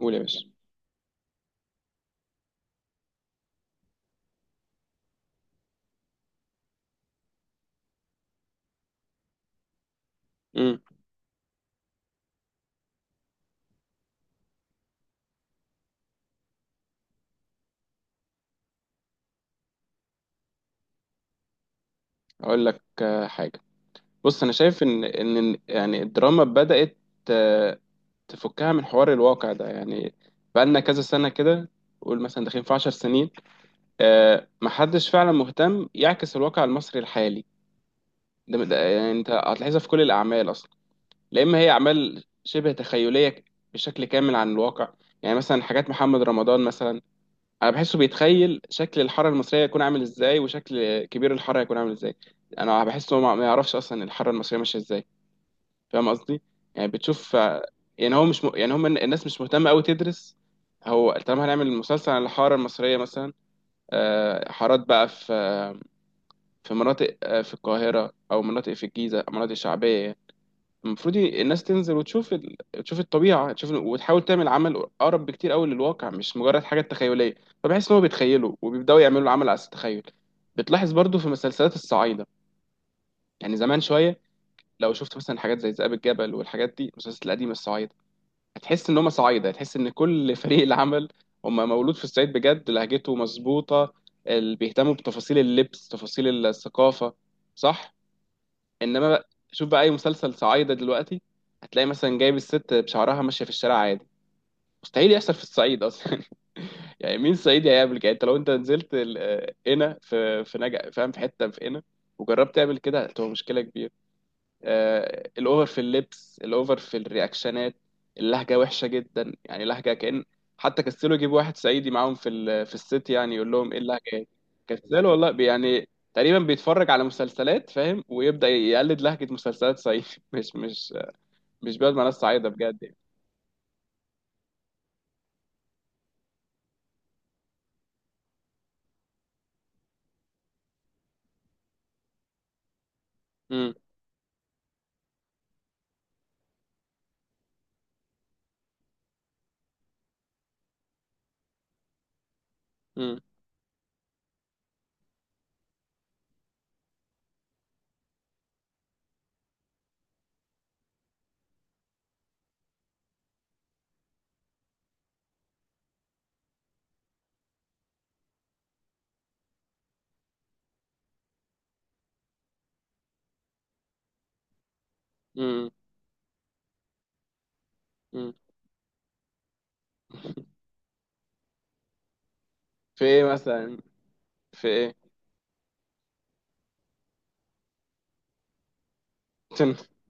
قول يا باشا. امم اقول لك حاجه. بص، انا شايف ان ان إن يعني الدراما بدات آه، تفكها من حوار الواقع ده يعني. بقالنا كذا سنه كده، قول مثلا داخلين في 10 سنين. محدش فعلا مهتم يعكس الواقع المصري الحالي. يعني انت هتلاحظها في كل الاعمال اصلا، لا اما هي اعمال شبه تخيليه بشكل كامل عن الواقع. يعني مثلا حاجات محمد رمضان مثلا، انا بحسه بيتخيل شكل الحاره المصريه يكون عامل ازاي، وشكل كبير الحاره يكون عامل ازاي. انا بحس انه ما يعرفش اصلا الحاره المصريه ماشيه ازاي. فاهم قصدي؟ يعني بتشوف، يعني هو مش م... يعني هم الناس مش مهتمه قوي تدرس. هو طالما هنعمل مسلسل عن الحاره المصريه مثلا، حارات بقى في مناطق، في القاهره او مناطق في الجيزه، مناطق شعبيه، المفروض الناس تنزل تشوف الطبيعة، تشوف وتحاول تعمل عمل أقرب بكتير أوي للواقع، مش مجرد حاجة تخيلية. فبحس إن هو بيتخيلوا وبيبدأوا يعملوا العمل على أساس التخيل. بتلاحظ برضو في مسلسلات الصعايدة، يعني زمان شوية، لو شفت مثلا حاجات زي ذئاب الجبل والحاجات دي، المسلسلات القديمة الصعايدة، هتحس إن هما صعايدة، هتحس إن كل فريق العمل هما مولود في الصعيد بجد، لهجته مظبوطة، اللي بيهتموا بتفاصيل اللبس، تفاصيل الثقافة، صح؟ انما بقى شوف بقى اي مسلسل صعايده دلوقتي، هتلاقي مثلا جايب الست بشعرها ماشيه في الشارع عادي، مستحيل يحصل في الصعيد اصلا. يعني مين صعيدي هيقابلك؟ يعني انت لو انت نزلت هنا في نجا، فاهم، في حته في هنا، وجربت تعمل كده هتبقى مشكله كبيره. الاوفر في اللبس، الاوفر في الرياكشنات، اللهجه وحشه جدا، يعني لهجه كأن. حتى كسلوا يجيبوا واحد صعيدي معاهم في في الست، يعني يقول لهم ايه اللهجه دي. كسلوا والله، يعني تقريبا بيتفرج على مسلسلات، فاهم، ويبدأ يقلد لهجه مسلسلات صعيدي. مش مش مش بيقعد مع ناس صعيده بجد يعني. مم، مم، مم، مم. في ايه مثلا، في ايه؟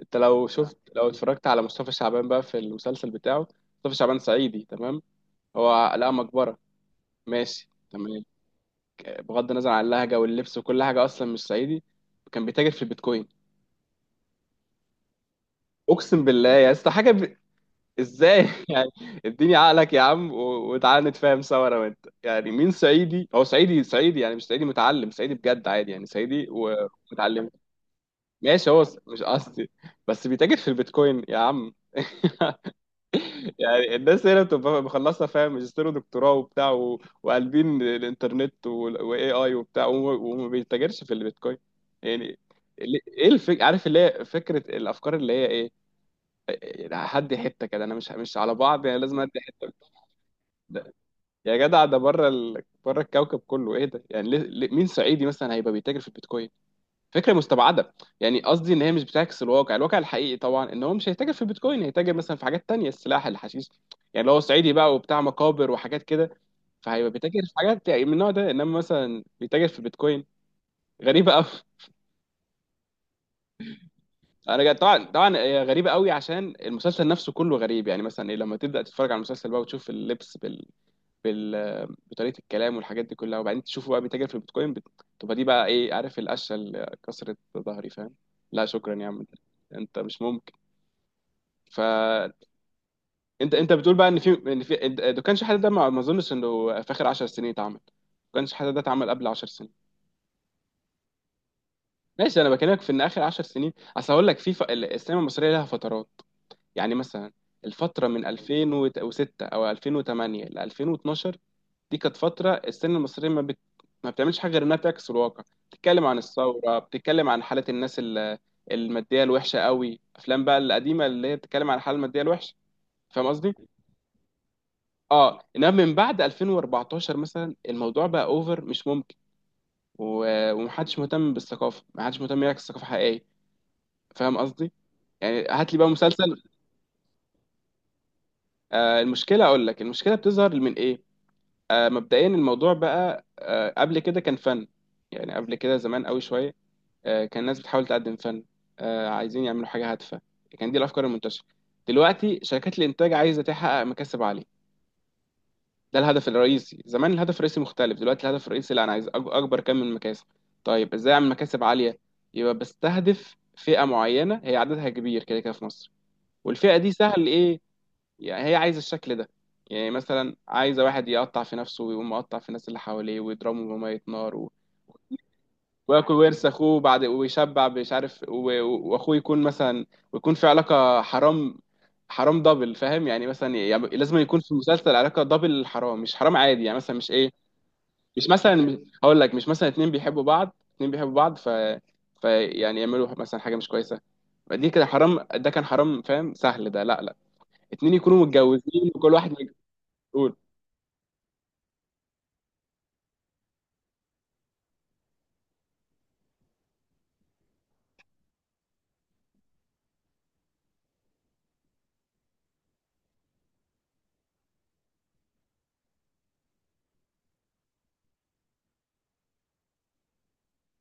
انت لو شفت، لو اتفرجت على مصطفى شعبان بقى في المسلسل بتاعه، مصطفى شعبان صعيدي تمام، هو لقى مقبره، ماشي تمام، بغض النظر عن اللهجه واللبس وكل حاجه، اصلا مش صعيدي. كان بيتاجر في البيتكوين، اقسم بالله يا اسطى. ازاي يعني؟ اديني عقلك يا عم، وتعالى نتفاهم سوا انا وانت. يعني مين صعيدي؟ هو صعيدي صعيدي، يعني مش صعيدي متعلم، صعيدي بجد عادي، يعني صعيدي ومتعلم. ماشي، مش قصدي، بس بيتاجر في البيتكوين يا عم. يعني الناس هنا بتبقى مخلصه، فاهم، ماجستير ودكتوراه وبتاع وقالبين الانترنت والاي اي وبتاع، وما بيتاجرش في البيتكوين يعني. عارف اللي هي فكره الافكار اللي هي ايه. يعني هدي حته كده، انا مش على بعض، يعني لازم ادي حته. ده. يا جدع، ده بره الكوكب كله، ايه ده يعني مين صعيدي مثلا هيبقى بيتاجر في البيتكوين؟ فكره مستبعده. يعني قصدي ان هي مش بتعكس الواقع، الواقع الحقيقي طبعا ان هو مش هيتاجر في البيتكوين، هيتاجر مثلا في حاجات تانية، السلاح، الحشيش، يعني لو هو صعيدي بقى وبتاع مقابر وحاجات كده، فهيبقى بيتاجر في حاجات يعني من النوع ده، انما مثلا بيتاجر في البيتكوين، غريبه قوي. طبعا هي غريبه قوي عشان المسلسل نفسه كله غريب. يعني مثلا إيه، لما تبدا تتفرج على المسلسل بقى وتشوف بطريقه الكلام والحاجات دي كلها، وبعدين تشوفه بقى بيتاجر في البيتكوين، تبقى دي بقى ايه؟ عارف، القشه اللي كسرت ظهري، فاهم؟ لا شكرا يا عم، انت مش مهم. فانت انت بتقول بقى ان في ده كانش حد، ده ما اظنش انه في اخر 10 سنين اتعمل، ما كانش حد ده اتعمل قبل 10 سنين. ماشي، انا بكلمك في ان اخر 10 سنين. اصل هقول لك في السينما المصريه لها فترات، يعني مثلا الفتره من 2006 او 2008 ل 2012، دي كانت فتره السينما المصريه ما بتعملش حاجه غير انها بتعكس الواقع، بتتكلم عن الثوره، بتتكلم عن حاله الناس الماديه الوحشه قوي. افلام بقى القديمه اللي هي بتتكلم عن الحاله الماديه الوحشه، فاهم قصدي. اه، انما من بعد 2014 مثلا الموضوع بقى اوفر مش ممكن. ومحدش مهتم بالثقافه، محدش مهتم يعكس ثقافه حقيقيه، فاهم قصدي. يعني هات لي بقى مسلسل. آه، المشكله، اقول لك المشكله بتظهر من ايه. آه، مبدئيا الموضوع بقى، آه، قبل كده كان فن، يعني قبل كده زمان قوي شويه، آه، كان الناس بتحاول تقدم فن، آه، عايزين يعملوا حاجه هادفه، كان دي الافكار المنتشره. دلوقتي شركات الانتاج عايزه تحقق مكاسب عاليه، ده الهدف الرئيسي. زمان الهدف الرئيسي مختلف، دلوقتي الهدف الرئيسي لا، انا عايز اكبر كم من المكاسب. طيب ازاي اعمل مكاسب عاليه؟ يبقى بستهدف فئه معينه هي عددها كبير كده كده في مصر، والفئه دي سهل ايه، يعني هي عايزه الشكل ده. يعني مثلا عايزه واحد يقطع في نفسه ويقوم مقطع في الناس اللي حواليه ويضربه بميه نار وياكل ورث اخوه بعد ويشبع مش عارف واخوه يكون مثلا، ويكون في علاقه حرام، حرام دبل، فاهم يعني؟ مثلا يعني لازم يكون في المسلسل علاقه دبل حرام، مش حرام عادي يعني، مثلا مش ايه، مش مثلا هقول لك، مش مثلا اتنين بيحبوا بعض، اتنين بيحبوا بعض ف، فيعني يعملوا مثلا حاجه مش كويسه، دي كده حرام، ده كان حرام فاهم، سهل، ده لا لا، اتنين يكونوا متجوزين وكل واحد يقول.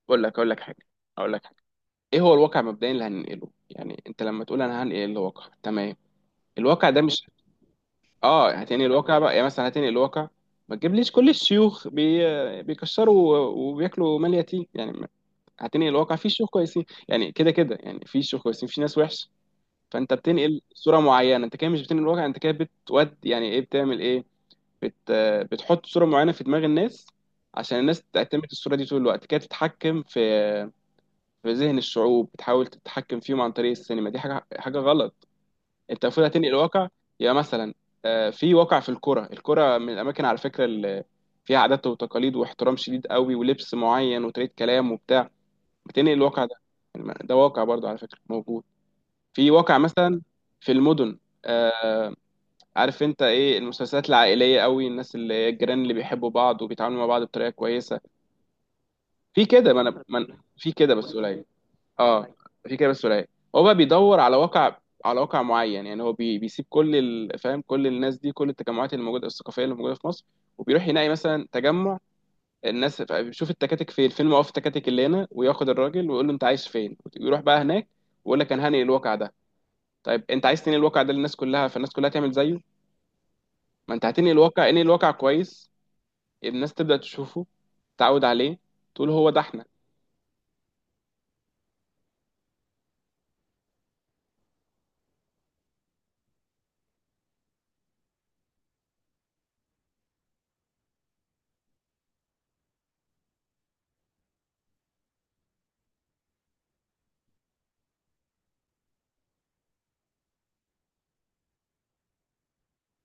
اقول لك حاجه، اقول لك حاجه. ايه هو الواقع مبدئيا اللي هننقله؟ يعني انت لما تقول انا هنقل الواقع، تمام، الواقع ده مش، اه هتنقل الواقع بقى. يعني مثلا هتنقل الواقع، ما تجيبليش كل الشيوخ بيكشروا وبياكلوا مال يتيم، يعني هتنقل الواقع، في شيوخ كويسين يعني، كده كده يعني في شيوخ كويسين، في ناس وحش. فانت بتنقل صوره معينه، انت كده مش بتنقل الواقع، انت كده بتود يعني ايه، بتعمل ايه، بت بتحط صوره معينه في دماغ الناس، عشان الناس تعتمد الصوره دي طول الوقت كده، تتحكم في ذهن الشعوب، بتحاول تتحكم فيهم عن طريق السينما، دي حاجه غلط. انت المفروض هتنقل الواقع، يبقى مثلا، في واقع في الكره من الاماكن على فكره، اللي فيها عادات وتقاليد واحترام شديد قوي ولبس معين وطريقه كلام وبتاع، بتنقل الواقع ده. يعني ده واقع برضه على فكره موجود. في واقع مثلا في المدن، آه، عارف انت ايه، المسلسلات العائليه قوي، الناس اللي الجيران اللي بيحبوا بعض وبيتعاملوا مع بعض بطريقه كويسه. في كده، ما انا ما أنا- في كده بس قليل. اه، في كده بس قليل. هو بقى بيدور على واقع، على واقع معين. يعني هو بيسيب كل فاهم، كل الناس دي، كل التجمعات اللي موجوده الثقافيه اللي موجوده في مصر، وبيروح يلاقي مثلا تجمع الناس، بيشوف التكاتك فين، موقف التكاتك اللي هنا، وياخد الراجل ويقول له انت عايش فين ويروح بقى هناك، ويقول لك انا هنقل الواقع ده. طيب انت عايز تنقل الواقع ده للناس كلها، فالناس كلها تعمل زيه. ما انت هتنقل الواقع، انقل الواقع كويس، الناس تبدأ تشوفه، تعود عليه، تقول هو ده احنا.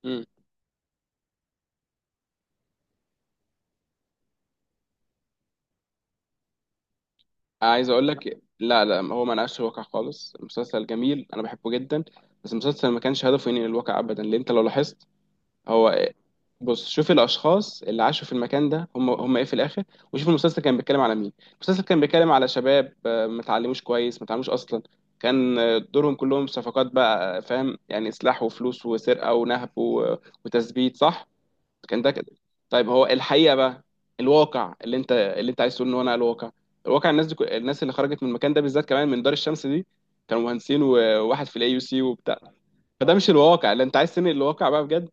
مم. عايز اقول لك، لا لا، هو ما نقاش الواقع خالص. المسلسل جميل، انا بحبه جدا، بس المسلسل ما كانش هدفه ينقل الواقع ابدا. لان انت لو لاحظت هو بص، شوف الاشخاص اللي عاشوا في المكان ده، هم ايه في الاخر. وشوف المسلسل كان بيتكلم على مين، المسلسل كان بيتكلم على شباب، ما اتعلموش كويس، ما اتعلموش اصلا، كان دورهم كلهم صفقات بقى، فاهم يعني، سلاح وفلوس وسرقة ونهب وتثبيت صح، كان ده كده. طيب هو الحقيقه بقى، الواقع اللي انت عايز تقول ان هو انا الواقع، الواقع الناس دي، الناس اللي خرجت من المكان ده بالذات، كمان من دار الشمس دي، كانوا مهندسين وواحد في الاي يو سي وبتاع. فده مش الواقع اللي انت عايز، تنقل الواقع بقى بجد.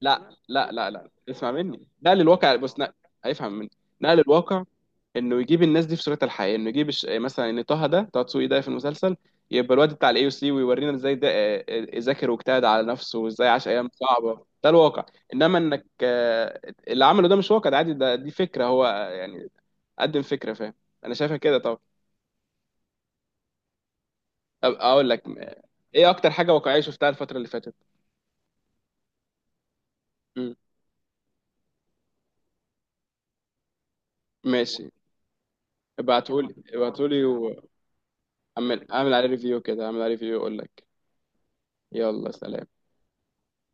لا، اسمع مني، نقل الواقع، بص، نقل، هيفهم مني. نقل الواقع انه يجيب الناس دي في صورتها الحقيقيه، انه يجيب مثلا ان طه، ده طه دسوقي ده في المسلسل، يبقى الواد بتاع الاي يو سي، ويورينا ازاي ده ذاكر واجتهد على نفسه وازاي عاش ايام صعبه، ده الواقع. انما انك، اللي عمله ده مش واقع، ده عادي، ده دي فكره، هو يعني قدم فكره، فاهم، انا شايفها كده طبعا. اقول لك ايه اكتر حاجه واقعيه شفتها الفتره اللي فاتت. مم. ماشي، ابعتهولي، واعمل، اعمل عليه ريفيو كده، اعمل عليه ريفيو اقول لك. يلا سلام.